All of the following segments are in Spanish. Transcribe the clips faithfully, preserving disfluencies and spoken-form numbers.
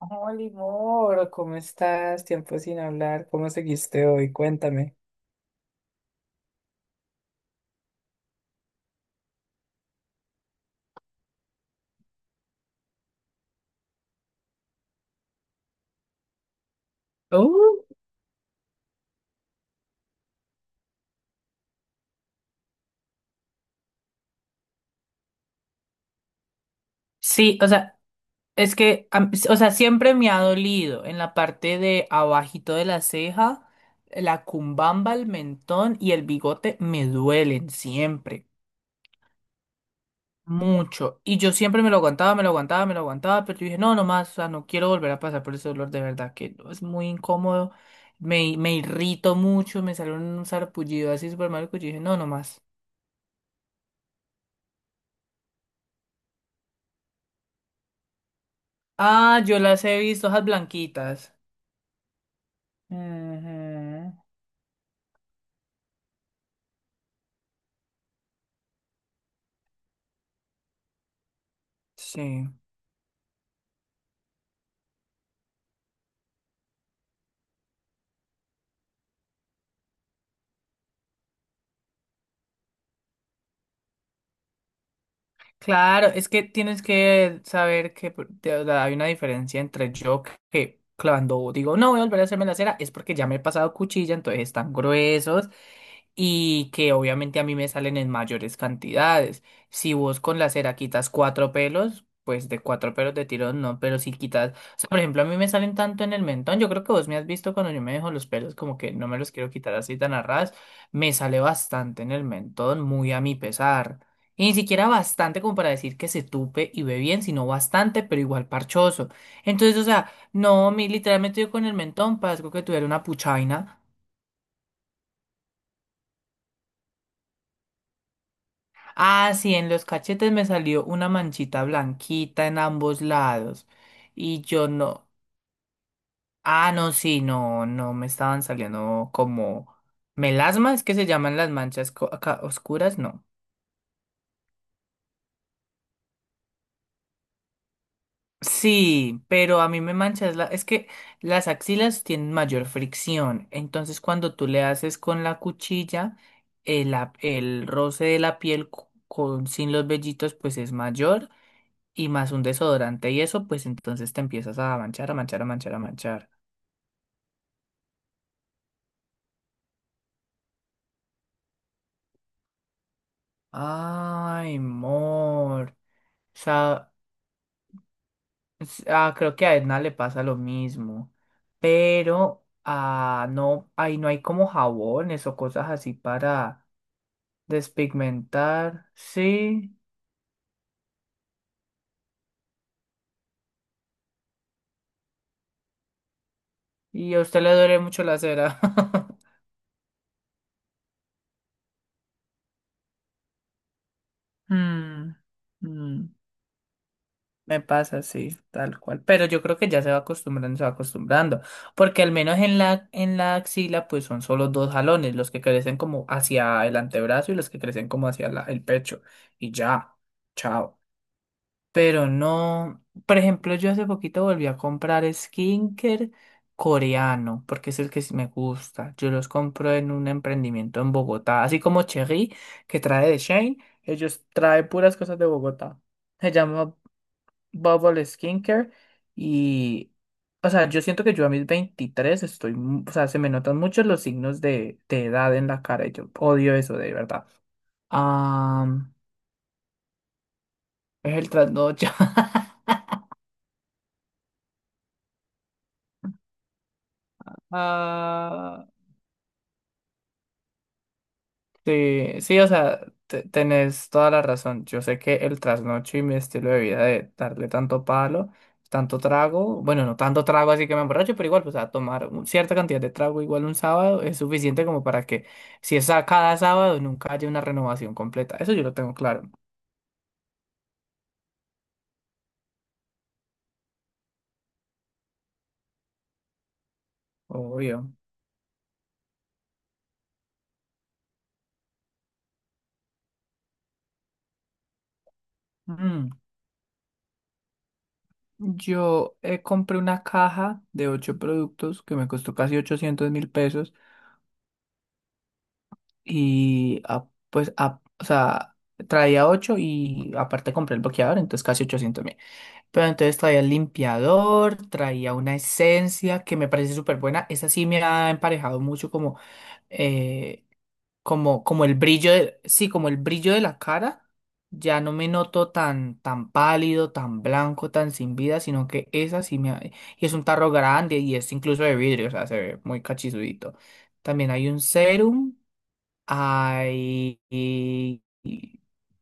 Hola Moro, ¿cómo estás? Tiempo sin hablar. ¿Cómo seguiste hoy? Cuéntame. Sí, o sea, es que, am- o sea, siempre me ha dolido en la parte de abajito de la ceja, la cumbamba, el mentón y el bigote me duelen siempre, mucho. Y yo siempre me lo aguantaba, me lo aguantaba, me lo aguantaba, pero yo dije, no, no más, o sea, no quiero volver a pasar por ese dolor de verdad, que no, es muy incómodo, me, me irrito mucho, me sale un sarpullido así súper malo que yo dije, no, no más. Ah, yo las he visto, esas blanquitas. Ujú. Sí. Claro, es que tienes que saber que por- te- o sea, hay una diferencia entre yo que cuando digo no voy a volver a hacerme la cera es porque ya me he pasado cuchilla, entonces están gruesos y que obviamente a mí me salen en mayores cantidades. Si vos con la cera quitas cuatro pelos, pues de cuatro pelos de tirón no, pero si quitas, o sea, por ejemplo, a mí me salen tanto en el mentón, yo creo que vos me has visto cuando yo me dejo los pelos como que no me los quiero quitar así tan a ras, me sale bastante en el mentón, muy a mi pesar. Y ni siquiera bastante como para decir que se tupe y ve bien, sino bastante, pero igual parchoso. Entonces, o sea, no, mi literalmente yo con el mentón parezco que tuviera una puchaina. Ah, sí, en los cachetes me salió una manchita blanquita en ambos lados. Y yo no. Ah, no, sí, no, no, me estaban saliendo como melasma, es que se llaman las manchas co- acá oscuras, no. Sí, pero a mí me manchas la... Es que las axilas tienen mayor fricción, entonces cuando tú le haces con la cuchilla, el, ap- el roce de la piel co- con, sin los vellitos pues es mayor y más un desodorante y eso pues entonces te empiezas a manchar, a manchar, a manchar, a manchar. Ay, amor. O sea, s- ah, creo que a Edna le pasa lo mismo, pero ah, no, ahí no hay como jabones o cosas así para despigmentar, sí. Y a usted le duele mucho la cera. Mm, mm, me pasa, sí, tal cual. Pero yo creo que ya se va acostumbrando, se va acostumbrando. Porque al menos en la, en la axila, pues son solo dos jalones, los que crecen como hacia el antebrazo y los que crecen como hacia la- el pecho. Y ya, chao. Pero no, por ejemplo, yo hace poquito volví a comprar skinker coreano, porque es el que sí me gusta. Yo los compro en un emprendimiento en Bogotá, así como Cherry, que trae de Shane, ellos traen puras cosas de Bogotá. Se llama Bubble Skincare y, o sea, yo siento que yo a mis veintitrés estoy, mu- o sea, se me notan mucho los signos de, de edad en la cara y yo odio eso de verdad. Ah, es el trasnocho. Ah, Sí, sí, o sea, te- tenés toda la razón. Yo sé que el trasnocho y mi estilo de vida de darle tanto palo, tanto trago, bueno, no tanto trago así que me emborracho, pero igual, pues a tomar un- cierta cantidad de trago igual un sábado es suficiente como para que si es a cada sábado nunca haya una renovación completa. Eso yo lo tengo claro, obvio. Mm. Yo eh, compré una caja de ocho productos que me costó casi ochocientos mil pesos. Y ah, pues, ah, o sea, traía ocho y aparte compré el bloqueador, entonces casi ochocientos mil. Pero entonces traía el limpiador, traía una esencia que me parece súper buena. Esa sí me ha emparejado mucho como, eh, como, como el brillo de, sí, como el brillo de la cara. Ya no me noto tan, tan pálido, tan blanco, tan sin vida, sino que esa sí me ha- Y es un tarro grande y es incluso de vidrio, o sea, se ve muy cachizudito. También hay un serum. Hay, y-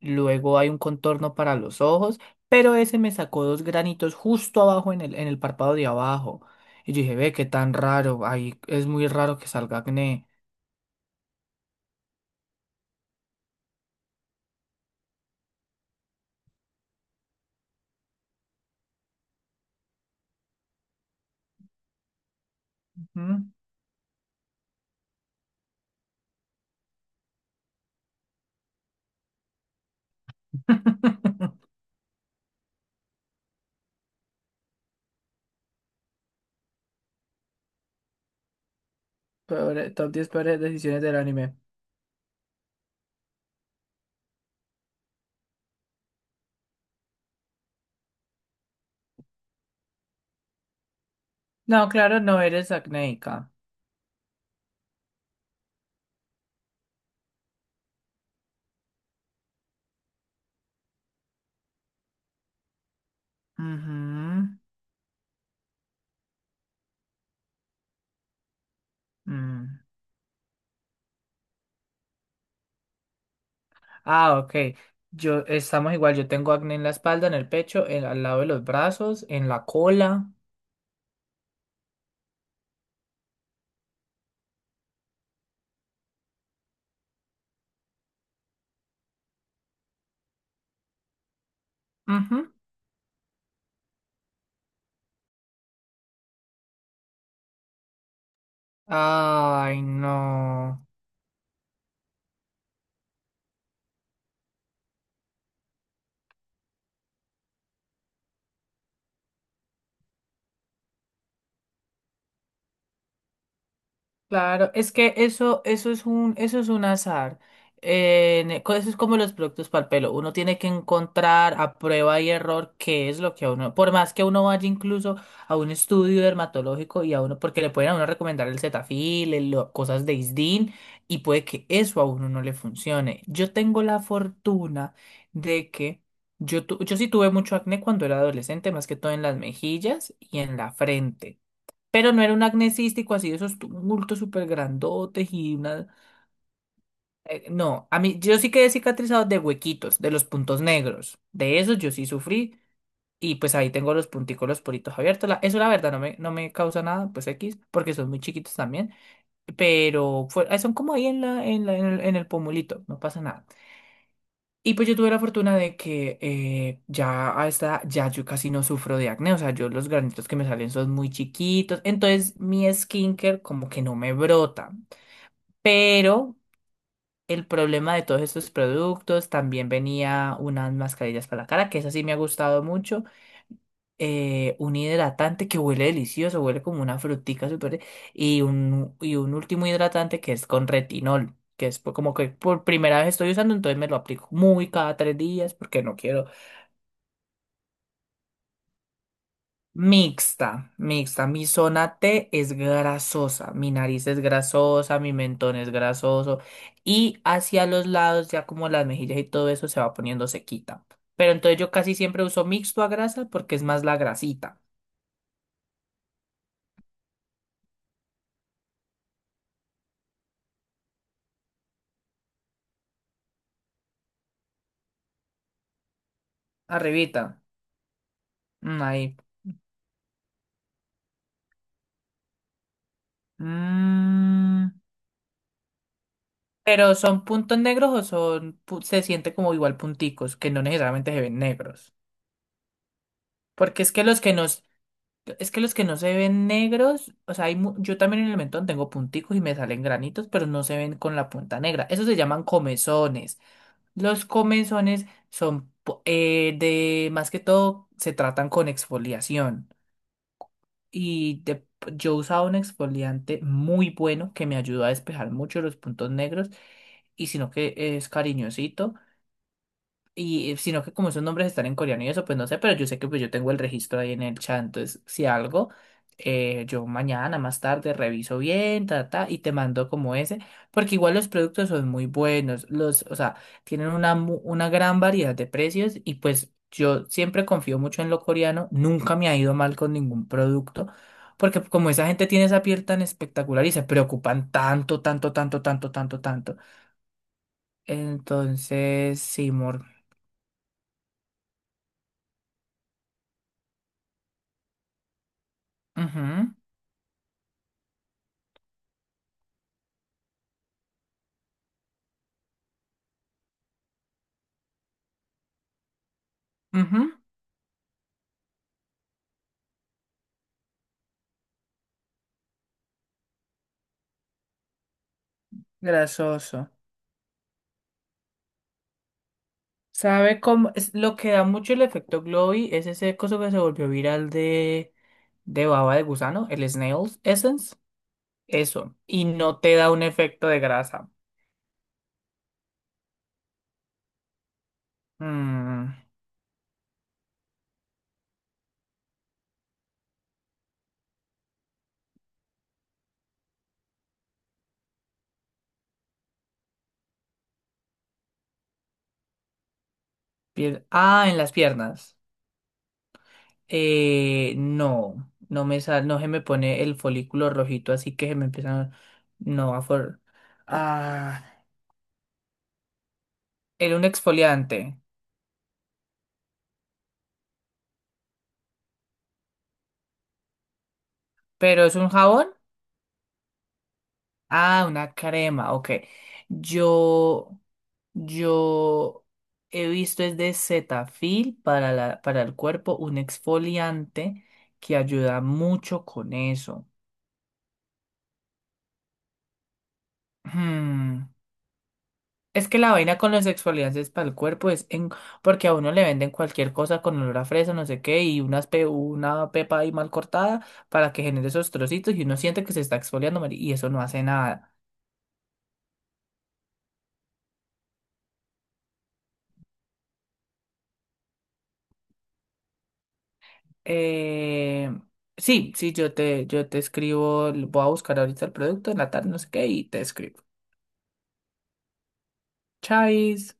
Luego hay un contorno para los ojos, pero ese me sacó dos granitos justo abajo en el, en el párpado de abajo. Y yo dije, ve, qué tan raro, ahí es muy raro que salga acné. ¿Mm? Peore- top diez peores decisiones del anime. No, claro, no eres acnéica. Ujú, mm. Ah, ok. Yo, estamos igual, yo tengo acné en la espalda, en el pecho, en- al lado de los brazos, en la cola. Ay, no. Claro, es que eso, eso es un, eso es un azar. Eh, ne- co- eso es como los productos para el pelo. Uno tiene que encontrar a prueba y error qué es lo que a uno, por más que uno vaya incluso a un estudio dermatológico y a uno, porque le pueden a uno recomendar el Cetaphil, el- lo- cosas de Isdin, y puede que eso a uno no le funcione. Yo tengo la fortuna de que yo, tu- yo sí tuve mucho acné cuando era adolescente, más que todo en las mejillas y en la frente. Pero no era un acné cístico así de esos tumultos súper grandotes y una... eh, no, a mí yo sí quedé cicatrizado de huequitos, de los puntos negros. De esos yo sí sufrí y pues ahí tengo los punticos, los poritos abiertos. La- eso la verdad no me, no me causa nada, pues X, porque son muy chiquitos también. Pero fue- ah, son como ahí en la, en la- en el, en el pomulito, no pasa nada. Y pues yo tuve la fortuna de que eh, ya a esta edad, ya yo casi no sufro de acné, o sea, yo los granitos que me salen son muy chiquitos, entonces mi skincare como que no me brota. Pero el problema de todos estos productos, también venía unas mascarillas para la cara, que esa sí me ha gustado mucho, eh, un hidratante que huele delicioso, huele como una frutica súper, y un, y un último hidratante que es con retinol, que es por- como que por primera vez estoy usando, entonces me lo aplico muy cada tres días porque no quiero. Mixta, mixta. Mi zona T es grasosa, mi nariz es grasosa, mi mentón es grasoso y hacia los lados, ya como las mejillas y todo eso, se va poniendo sequita. Pero entonces yo casi siempre uso mixto a grasa porque es más la grasita. Arribita, mm, ahí. Mm. Pero son puntos negros o son, pu- se siente como igual punticos, que no necesariamente se ven negros. Porque es que los que no. Es que los que no se ven negros, o sea, hay mu- yo también en el mentón tengo punticos y me salen granitos, pero no se ven con la punta negra. Esos se llaman comezones. Los comezones son po- eh, de, más que todo, se tratan con exfoliación. Y de- yo usaba un exfoliante muy bueno que me ayudó a despejar mucho los puntos negros y sino que es cariñosito. Y eh, sino que como esos nombres están en coreano y eso, pues no sé, pero yo sé que pues yo tengo el registro ahí en el chat, entonces si algo, eh, yo mañana más tarde reviso bien, ta, ta, y te mando como ese, porque igual los productos son muy buenos, los, o sea, tienen una, mu- una gran variedad de precios y pues yo siempre confío mucho en lo coreano, nunca me ha ido mal con ningún producto, porque como esa gente tiene esa piel tan espectacular y se preocupan tanto, tanto, tanto, tanto, tanto, tanto, entonces, sí, mor. Ujú. Ujú, grasoso. ¿Sabe cómo? Es, lo que da mucho el efecto Glowy es ese coso que se volvió viral de, de baba de gusano, el Snail's Essence. Eso. Y no te da un efecto de grasa. Mm, pier- ah, en las piernas. Eh, no. No me sal- no se me pone el folículo rojito, así que se me empiezan. No, a for... Ah, era un exfoliante. ¿Pero es un jabón? Ah, una crema, ok. Yo, yo he visto es de Cetaphil para la, para el cuerpo, un exfoliante que ayuda mucho con eso. Hmm, es que la vaina con los exfoliantes para el cuerpo es en, porque a uno le venden cualquier cosa con olor a fresa, no sé qué, y unas pe- una pepa ahí mal cortada para que genere esos trocitos y uno siente que se está exfoliando, mari- y eso no hace nada. Eh, sí, sí, yo te, yo te escribo, voy a buscar ahorita el producto en la tarde, no sé qué, y te escribo. Chais.